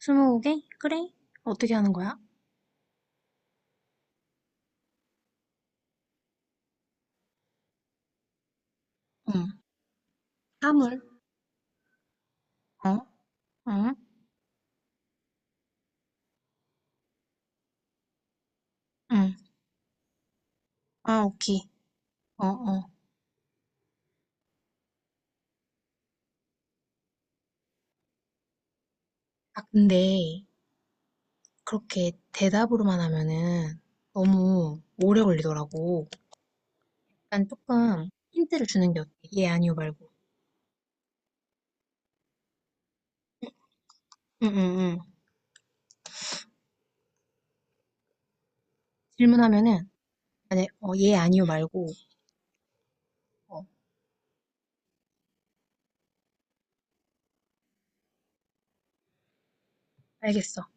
스무 개 그래? 어떻게 하는 거야? 응, 사물. 어, 응, 응. 아, 오케이. 어, 어. 아, 근데 그렇게 대답으로만 하면은 너무 오래 걸리더라고. 난 조금 힌트를 주는 게 어때? 예, 아니요 말고. 응, 응, 응. 질문하면은 만약에 어, 예, 아니요 말고 어, 알겠어.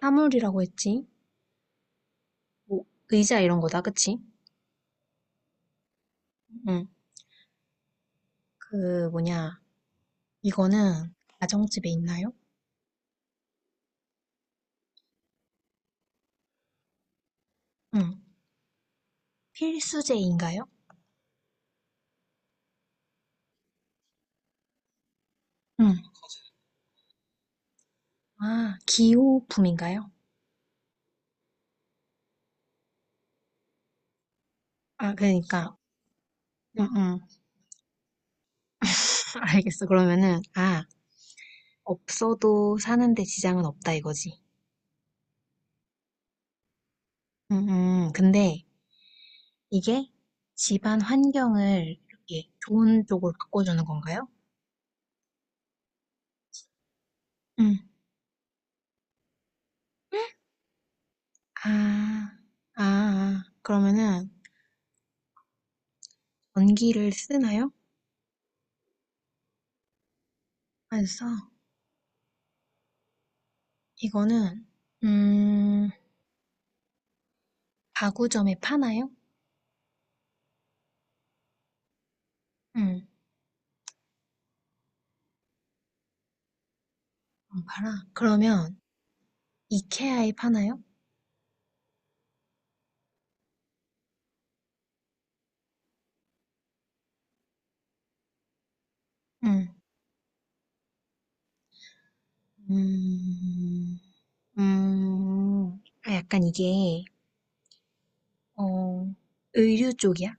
사물이라고 했지? 뭐, 의자 이런 거다, 그치? 응. 그 뭐냐? 이거는 가정집에 있나요? 응. 필수제인가요? 응. 아, 기호품인가요? 아, 그러니까, 응, 응. 알겠어. 그러면은, 아, 없어도 사는데 지장은 없다 이거지. 응, 응. 근데 이게 집안 환경을 이렇게 좋은 쪽으로 바꿔주는 건가요? 응. 아, 아, 아. 그러면은 전기를 쓰나요? 안 써. 이거는, 음, 가구점에 파나요? 응, 안 팔아. 그러면 이케아에 파나요? 응. 음, 아, 약간 이게, 어, 의류 쪽이야?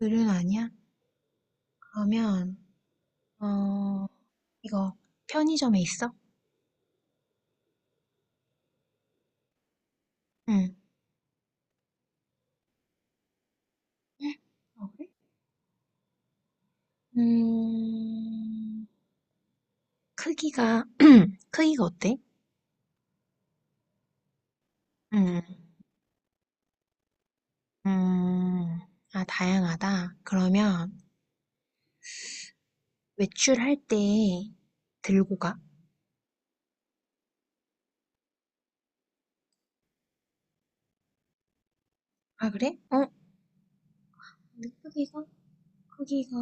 의류는 아니야? 그러면, 어, 이거 편의점에 있어? 응. 응? 어, 그래? 음, 크기가, 크기가 어때? 음, 음, 아, 다양하다. 그러면 외출할 때 들고 가. 아, 그래? 어? 근데 크기가,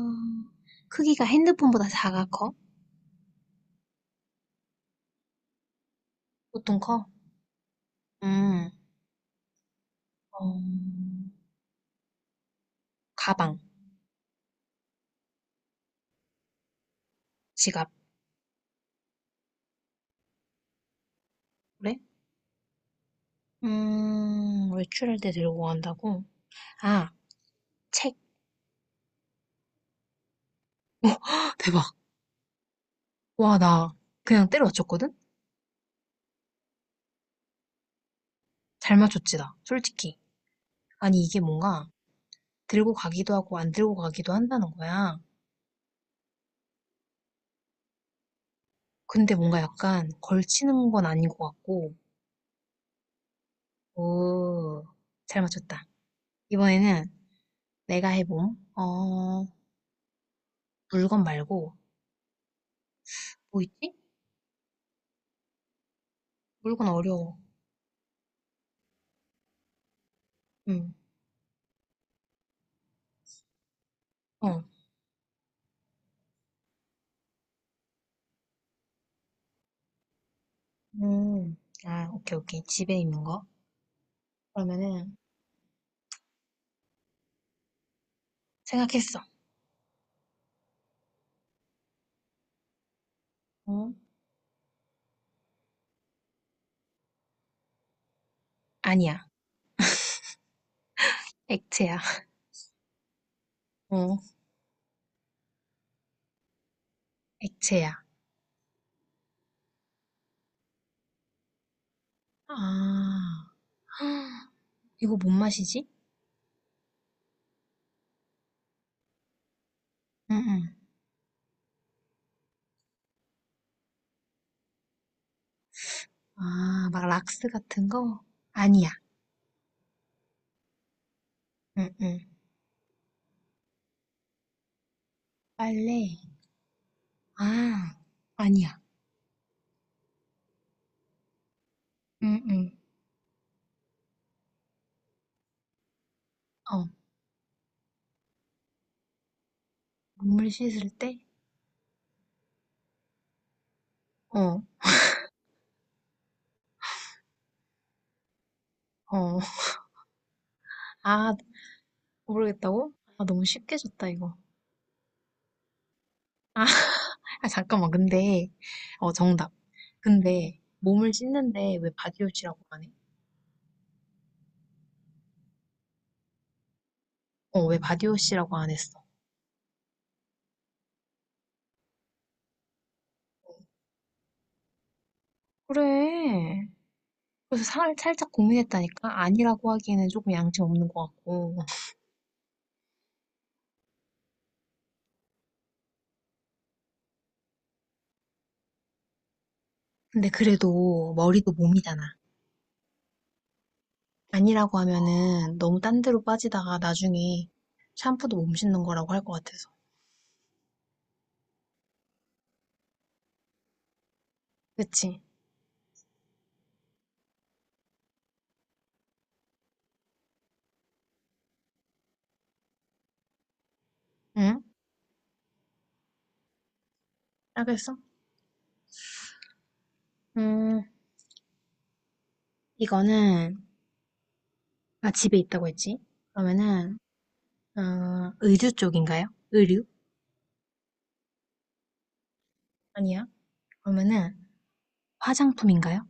크기가 핸드폰보다 작아 커? 보통 커? 음. 어, 가방, 지갑, 그래? 외출할 때 들고 간다고? 아, 책. 헉, 대박. 와, 나 그냥 때려 맞췄거든? 잘 맞췄지, 나. 솔직히. 아니, 이게 뭔가 들고 가기도 하고 안 들고 가기도 한다는 거야. 근데 뭔가 약간 걸치는 건 아닌 것 같고. 오, 잘 맞췄다. 이번에는 내가 해봄. 어, 물건 말고, 뭐 있지? 물건 어려워. 응, 어. 음, 아, 오케이, 오케이. 집에 있는 거. 그러면은 생각했어. 어? 아니야. 액체야. 어? 액체야. 아. 이거 뭔 맛이지? 응응. 아, 막 락스 같은 거? 아니야. 응응. 빨래. 아, 아니야. 응응. 어. 눈물 씻을 때? 어. 어. 아, 모르겠다고? 아, 너무 쉽게 줬다, 이거. 아, 아, 잠깐만. 근데 어 정답. 근데 몸을 씻는데 왜 바디워시라고 안 해? 어, 왜 바디워시라고 안 했어? 그래. 그래서 살짝 고민했다니까? 아니라고 하기에는 조금 양심 없는 것 같고. 근데 그래도 머리도 몸이잖아. 아니라고 하면은 너무 딴 데로 빠지다가 나중에 샴푸도 몸 씻는 거라고 할 것 같아서. 그치? 응? 알겠어? 음, 이거는, 아, 집에 있다고 했지? 그러면은, 어, 의류 쪽인가요? 의류? 아니야. 그러면은, 화장품인가요?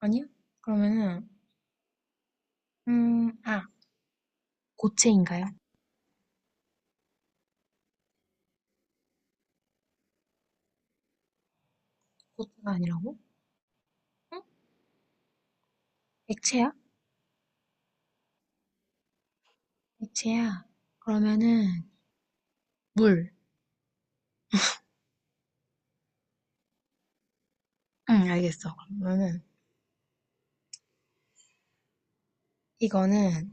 아니야. 그러면은, 아, 고체인가요? 고체가 아니라고? 응? 액체야? 액치야 그러면은 물. 응, 알겠어. 그러면은 이거는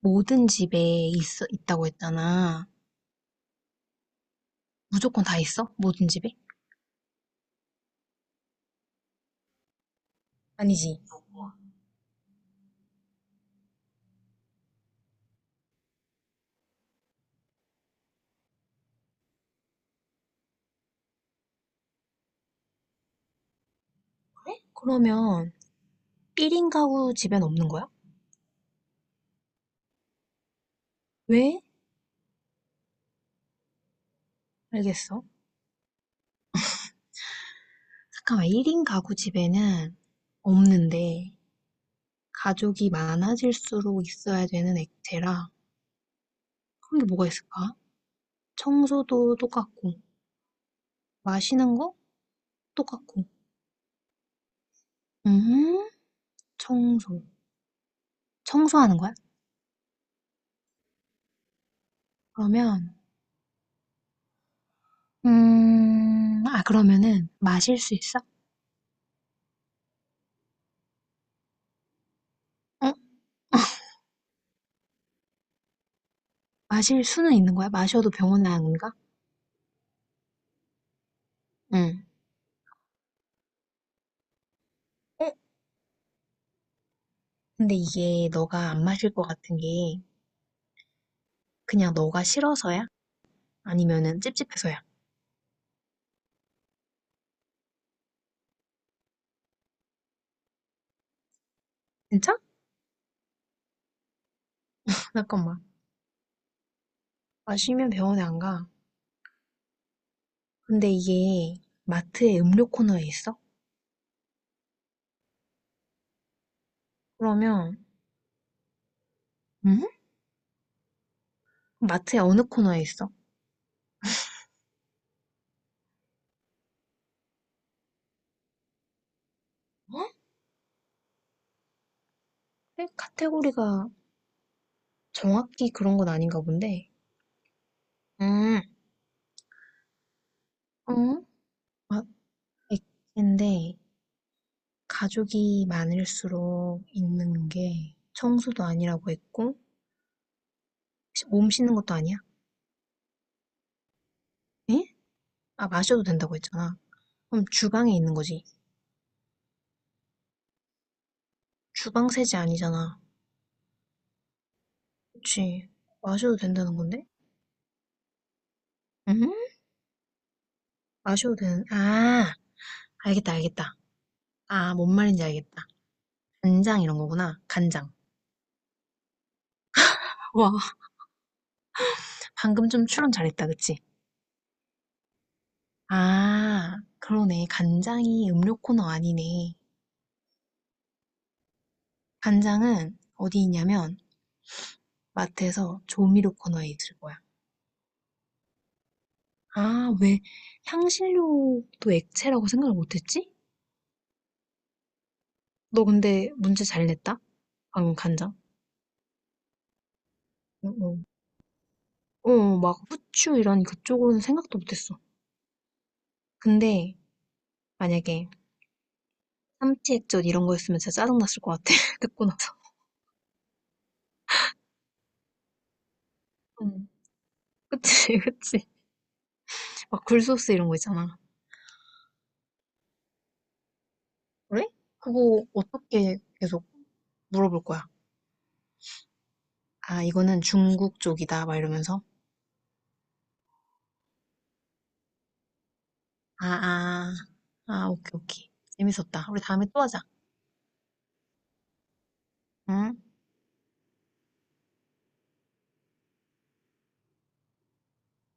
모든 집에 있어 있다고 했잖아. 무조건 다 있어? 모든 집에? 아니지. 그러면 1인 가구 집엔 없는 거야? 왜? 알겠어. 잠깐만, 1인 가구 집에는 없는데 가족이 많아질수록 있어야 되는 액체라 그런 게 뭐가 있을까? 청소도 똑같고 마시는 거 똑같고. 음, 청소. 청소하는 거야? 그러면 아, 그러면은 마실 수 있어? 응? 마실 수는 있는 거야? 마셔도 병원 나안가 응. 어? 근데 이게 너가 안 마실 것 같은 게 그냥 너가 싫어서야? 아니면은 찝찝해서야? 진짜? 잠깐만. 마시면 병원에 안 가. 근데 이게 마트의 음료 코너에 있어? 그러면, 응? 마트의 어느 코너에 있어? 어? 에? 카테고리가 정확히 그런 건 아닌가 본데. 음. 응? 마- 있는데 가족이 많을수록 있는 게 청소도 아니라고 했고 몸 씻는 것도 아니야? 에? 아 마셔도 된다고 했잖아. 그럼 주방에 있는 거지. 주방 세제 아니잖아. 그치. 마셔도 된다는 건데? 응? 마셔도 되는 아 알겠다 알겠다. 아 뭔 말인지 알겠다. 간장 이런 거구나. 간장. 와, 방금 좀 추론 잘했다, 그치? 아, 그러네. 간장이 음료 코너 아니네. 간장은 어디 있냐면 마트에서 조미료 코너에 있을 거야. 아, 왜 향신료도 액체라고 생각을 못했지? 너 근데 문제 잘 냈다? 방금 간장. 어, 어. 어, 막 후추 이런 그쪽으로는 생각도 못했어. 근데 만약에 삼치 액젓 이런 거였으면 진짜 짜증났을 것 같아. 듣고 나서. 응. 그치, 그치. 막 굴소스 이런 거 있잖아. 그래? 그거 어떻게 계속 물어볼 거야? 아, 이거는 중국 쪽이다. 막 이러면서. 아, 아. 아, 오케이, 오케이. 재밌었다. 우리 다음에 또 하자. 응?